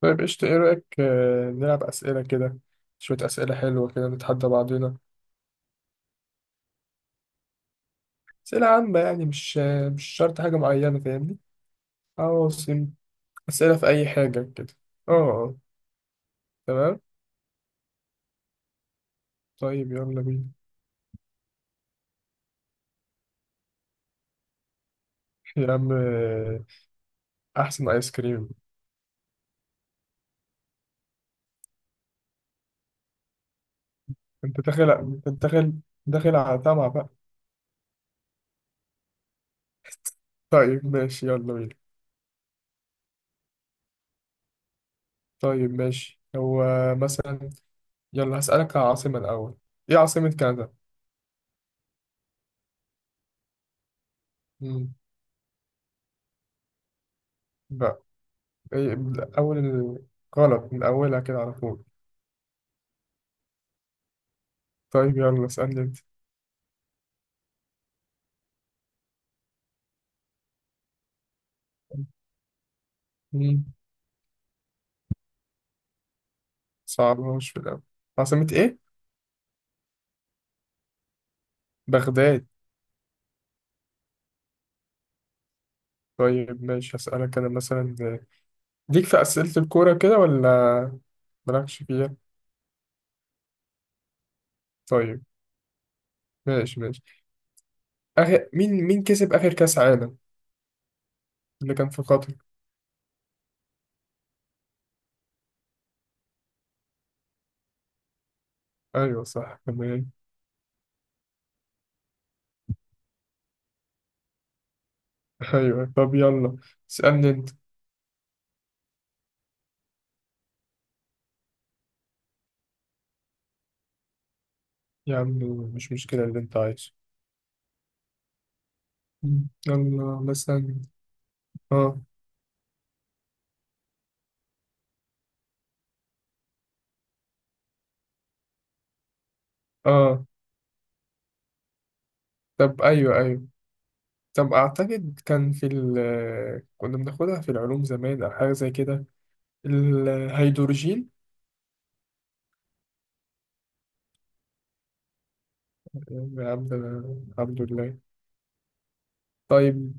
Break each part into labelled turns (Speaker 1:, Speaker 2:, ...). Speaker 1: طيب قشطة، إيه رأيك نلعب أسئلة كده. شوية أسئلة حلوة كده نتحدى بعضنا. أسئلة عامة يعني، مش شرط حاجة معينة، فاهمني؟ عواصم. أسئلة في أي حاجة كده. أه آه، تمام. طيب يلا بينا. يا عم، أحسن آيس كريم. أنت داخل، أنت داخل، داخل على طمع بقى. طيب ماشي، يلا بينا. طيب ماشي، هو مثلا. يلا هسألك على عاصمة الأول. إيه عاصمة كندا؟ مم. بقى. إيه، من أول ال- غلط من أولها كده على طول. طيب يلا اسألني أنت. مم. صعبهاش في الأول. عاصمة إيه؟ بغداد. طيب ماشي، هسألك أنا مثلا. ليك في أسئلة الكورة كده ولا مالكش فيها؟ طيب، ماشي ماشي. آخر، مين كسب آخر كأس عالم اللي كان في قطر؟ أيوه، صح، تمام. أيوه، طب يلا اسألني أنت. يا عم، مش مشكلة اللي أنت عايزه. مم. يلا مثلا. آه آه. طب أيوه، أيوه. طب أعتقد كان في ال كنا بناخدها في العلوم زمان أو حاجة زي كده. الهيدروجين. يا عبد، الحمد لله. طيب.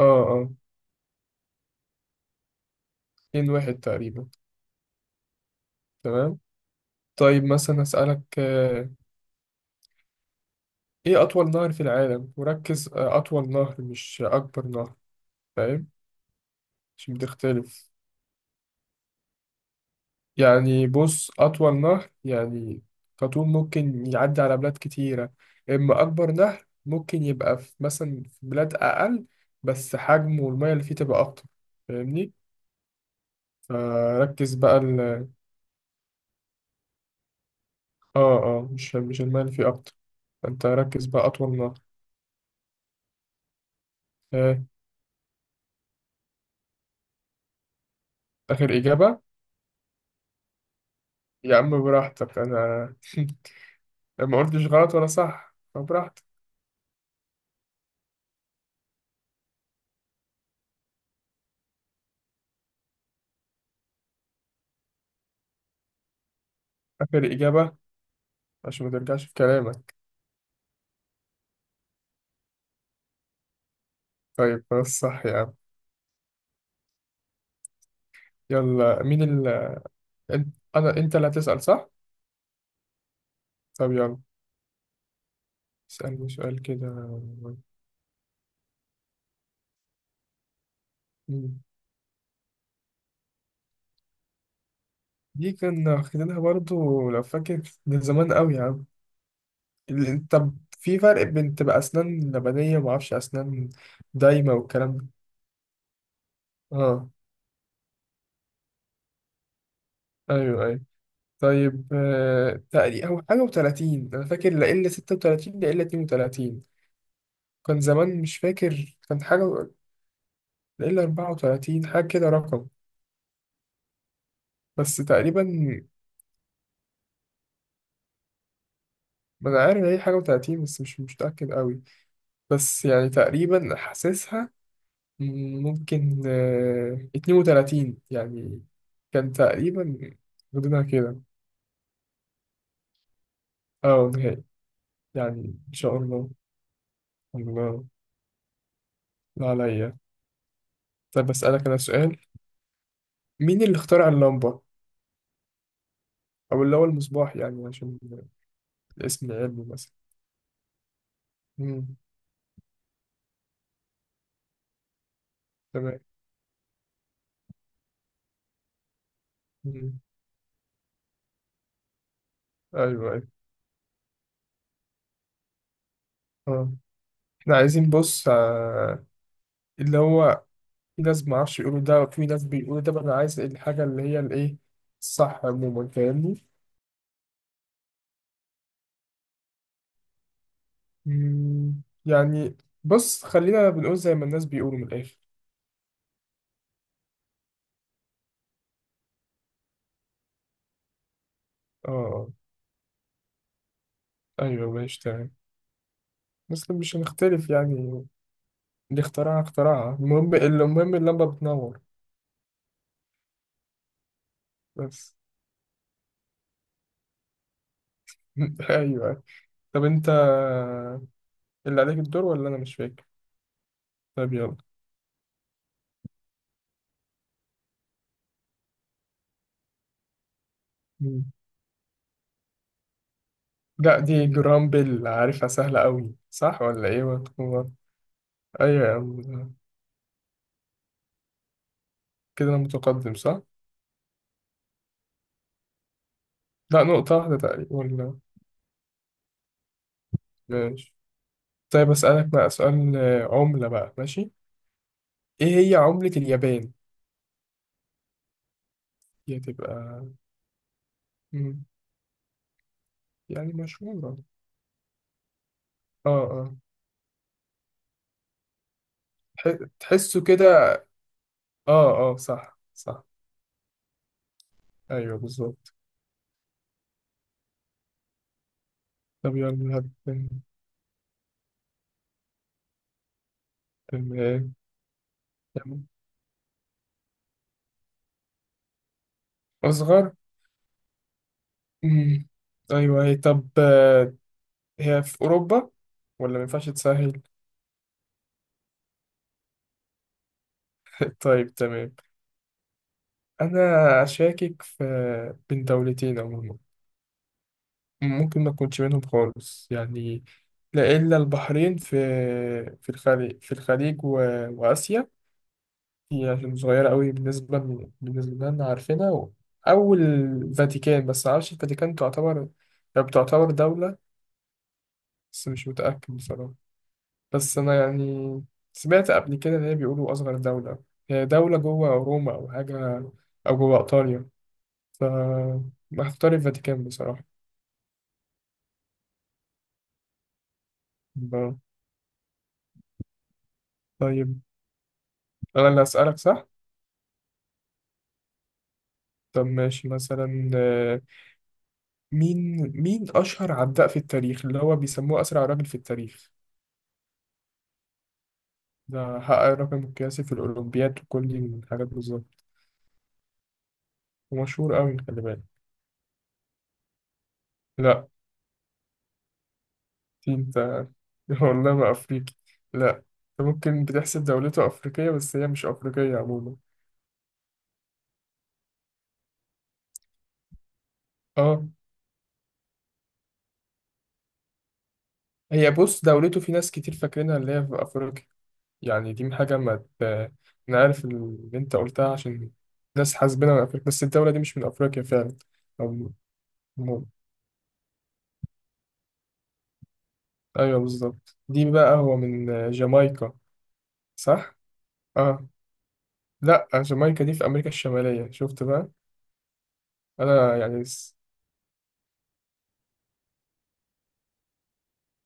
Speaker 1: اه، اه، 2-1 تقريبا. تمام. طيب مثلا أسألك، إيه أطول نهر في العالم، وركز، أطول نهر مش أكبر نهر. فاهم؟ عشان بتختلف. يعني بص، أطول نهر يعني كطول، ممكن يعدي على بلاد كتيرة. إما أكبر نهر ممكن يبقى في مثلا، في بلاد أقل، بس حجمه والمية اللي فيه تبقى أكتر. فاهمني؟ فركز بقى مش المية اللي فيه أكتر. فأنت ركز بقى، أطول نهر. آه. آخر إجابة؟ يا عم براحتك، أنا ما قلتش غلط ولا صح، فبراحتك. آخر إجابة، عشان ما ترجعش في كلامك. طيب خلاص، صح يا عم. يلا، مين؟ أنت- انا انت اللي هتسأل صح؟ طب يلا اسألني سؤال كده. مم. دي كنا واخدينها برضو لو فاكر، من زمان قوي يا عم. طب في فرق بين تبقى اسنان لبنية ومعرفش اسنان دايمة والكلام ده؟ اه، ايوه، ايوه. طيب، تقريبا هو حاجة وتلاتين، انا فاكر، لا الا 36، لا الا 32. كان زمان مش فاكر، كان حاجة، لا الا 34 حاجة كده رقم، بس تقريبا. ما انا عارف إن هي حاجة وتلاتين، بس مش متأكد قوي، بس يعني تقريبا حاسسها. ممكن 32 يعني، كان تقريبا غدنا كده. اه، نهائي، يعني ان شاء الله. الله. لا عليا. طب اسألك انا سؤال. مين اللي اخترع اللمبة، او اللي هو المصباح يعني، عشان الاسم العلمي مثلا. مم. تمام. مم. ايوه، ايوه. اه، احنا عايزين، بص، اللي هو في ناس معرفش يقولوا ده وفي ناس بيقولوا ده، بقى انا عايز الحاجة اللي هي الايه، الصح عموما، فاهمني؟ يعني، بص، خلينا بنقول زي ما الناس بيقولوا من الآخر. اه، ايوه، ماشي، تمام. بس مش هنختلف يعني. اللي اخترعها اخترعها، المهم المهم اللمبة بتنور. بس. ايوه. طب انت اللي عليك الدور ولا انا، مش فاكر. طب يلا. مم. لا، دي جرامبل عارفها سهلة قوي، صح ولا ايه؟ ولا- ايوه يا عم. كده انا متقدم، صح؟ لا، نقطة واحدة تقريبا، ولا؟ ماشي. طيب اسألك بقى سؤال، عملة بقى، ماشي. ايه هي عملة اليابان؟ هي تبقى، مم. يعني مشهورة. اه، اه، تحسه كده. اه، اه، صح، صح. ايوه بالظبط. طب يلا هات. تمام. تمام. اصغر. مم. ايوه هي، طب، هي في اوروبا ولا ما ينفعش تسهل؟ طيب تمام. انا اشاكك في، بين دولتين عموما، ممكن ما تكونش منهم خالص يعني. لا الا البحرين، في الخليج، في الخليج، و... واسيا. هي عشان صغيرة قوي، بالنسبة لنا عارفينها. أو الفاتيكان، بس معرفش الفاتيكان تعتبر، هي بتعتبر دولة، بس مش متأكد بصراحة. بس أنا يعني سمعت قبل كده إن هي بيقولوا أصغر دولة، هي دولة جوه روما أو حاجة، أو جوه إيطاليا. ف هختار الفاتيكان بصراحة. ب- طيب، أنا اللي هسألك صح؟ طب ماشي مثلا، مين مين أشهر عداء في التاريخ اللي هو بيسموه أسرع راجل في التاريخ. ده حقق رقم قياسي في الأولمبياد وكل دي من الحاجات، بالظبط. ومشهور أوي، خلي بالك. لا دي أنت والله ما أفريقي. لا. أنت ممكن بتحسب دولته أفريقية، بس هي مش أفريقية عموما. أه. هي، بص، دولته في ناس كتير فاكرينها اللي هي في أفريقيا، يعني دي حاجة ما ت... أنا عارف اللي أنت قلتها، عشان ناس حاسبينها من أفريقيا، بس الدولة دي مش من أفريقيا فعلا. أو... م- أيوه بالظبط، دي بقى هو من جامايكا. صح؟ اه. لا، جامايكا دي في أمريكا الشمالية، شفت بقى. أنا يعني س...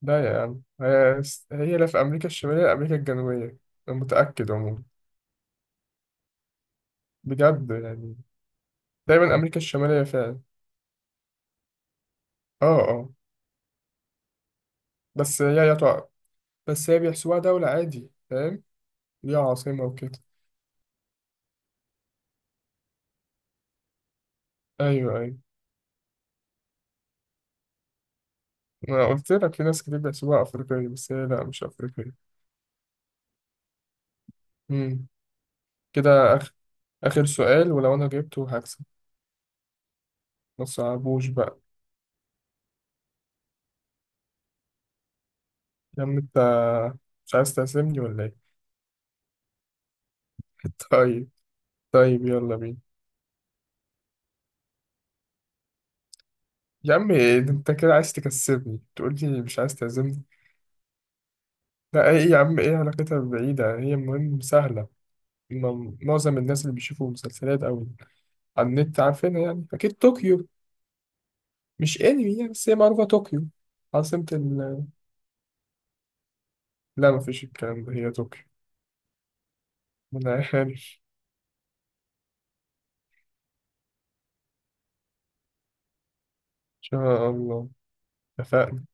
Speaker 1: لا يا عم، هي لا في أمريكا الشمالية ولا أمريكا الجنوبية. أنا متأكد عموما، بجد يعني، دايما أمريكا الشمالية فعلا. اه، اه. بس هي تقع، بس هي بيحسبوها دولة عادي، فاهم؟ ليها عاصمة وكده. أيوه، أيوه. ما قلت لك، في ناس كتير بيحسبوها أفريقية، بس هي لا، مش أفريقية. مم. كده آخر، آخر سؤال ولو أنا جبته هكسب. ما تصعبوش بقى. يا عم أنت، مش عايز تعزمني ولا إيه؟ طيب. طيب يلا بينا. يا عم إيه ده، انت كده عايز تكسبني، تقول لي مش عايز تعزمني؟ لا، ايه يا عم، ايه علاقتها بعيدة، هي المهم سهلة. معظم الناس اللي بيشوفوا مسلسلات او على النت عارفينها يعني، اكيد طوكيو. مش انمي يعني، بس هي معروفة، طوكيو عاصمة ال- لا، مفيش الكلام ده، هي طوكيو. ما انا عارف، ان شاء الله، اتفقنا.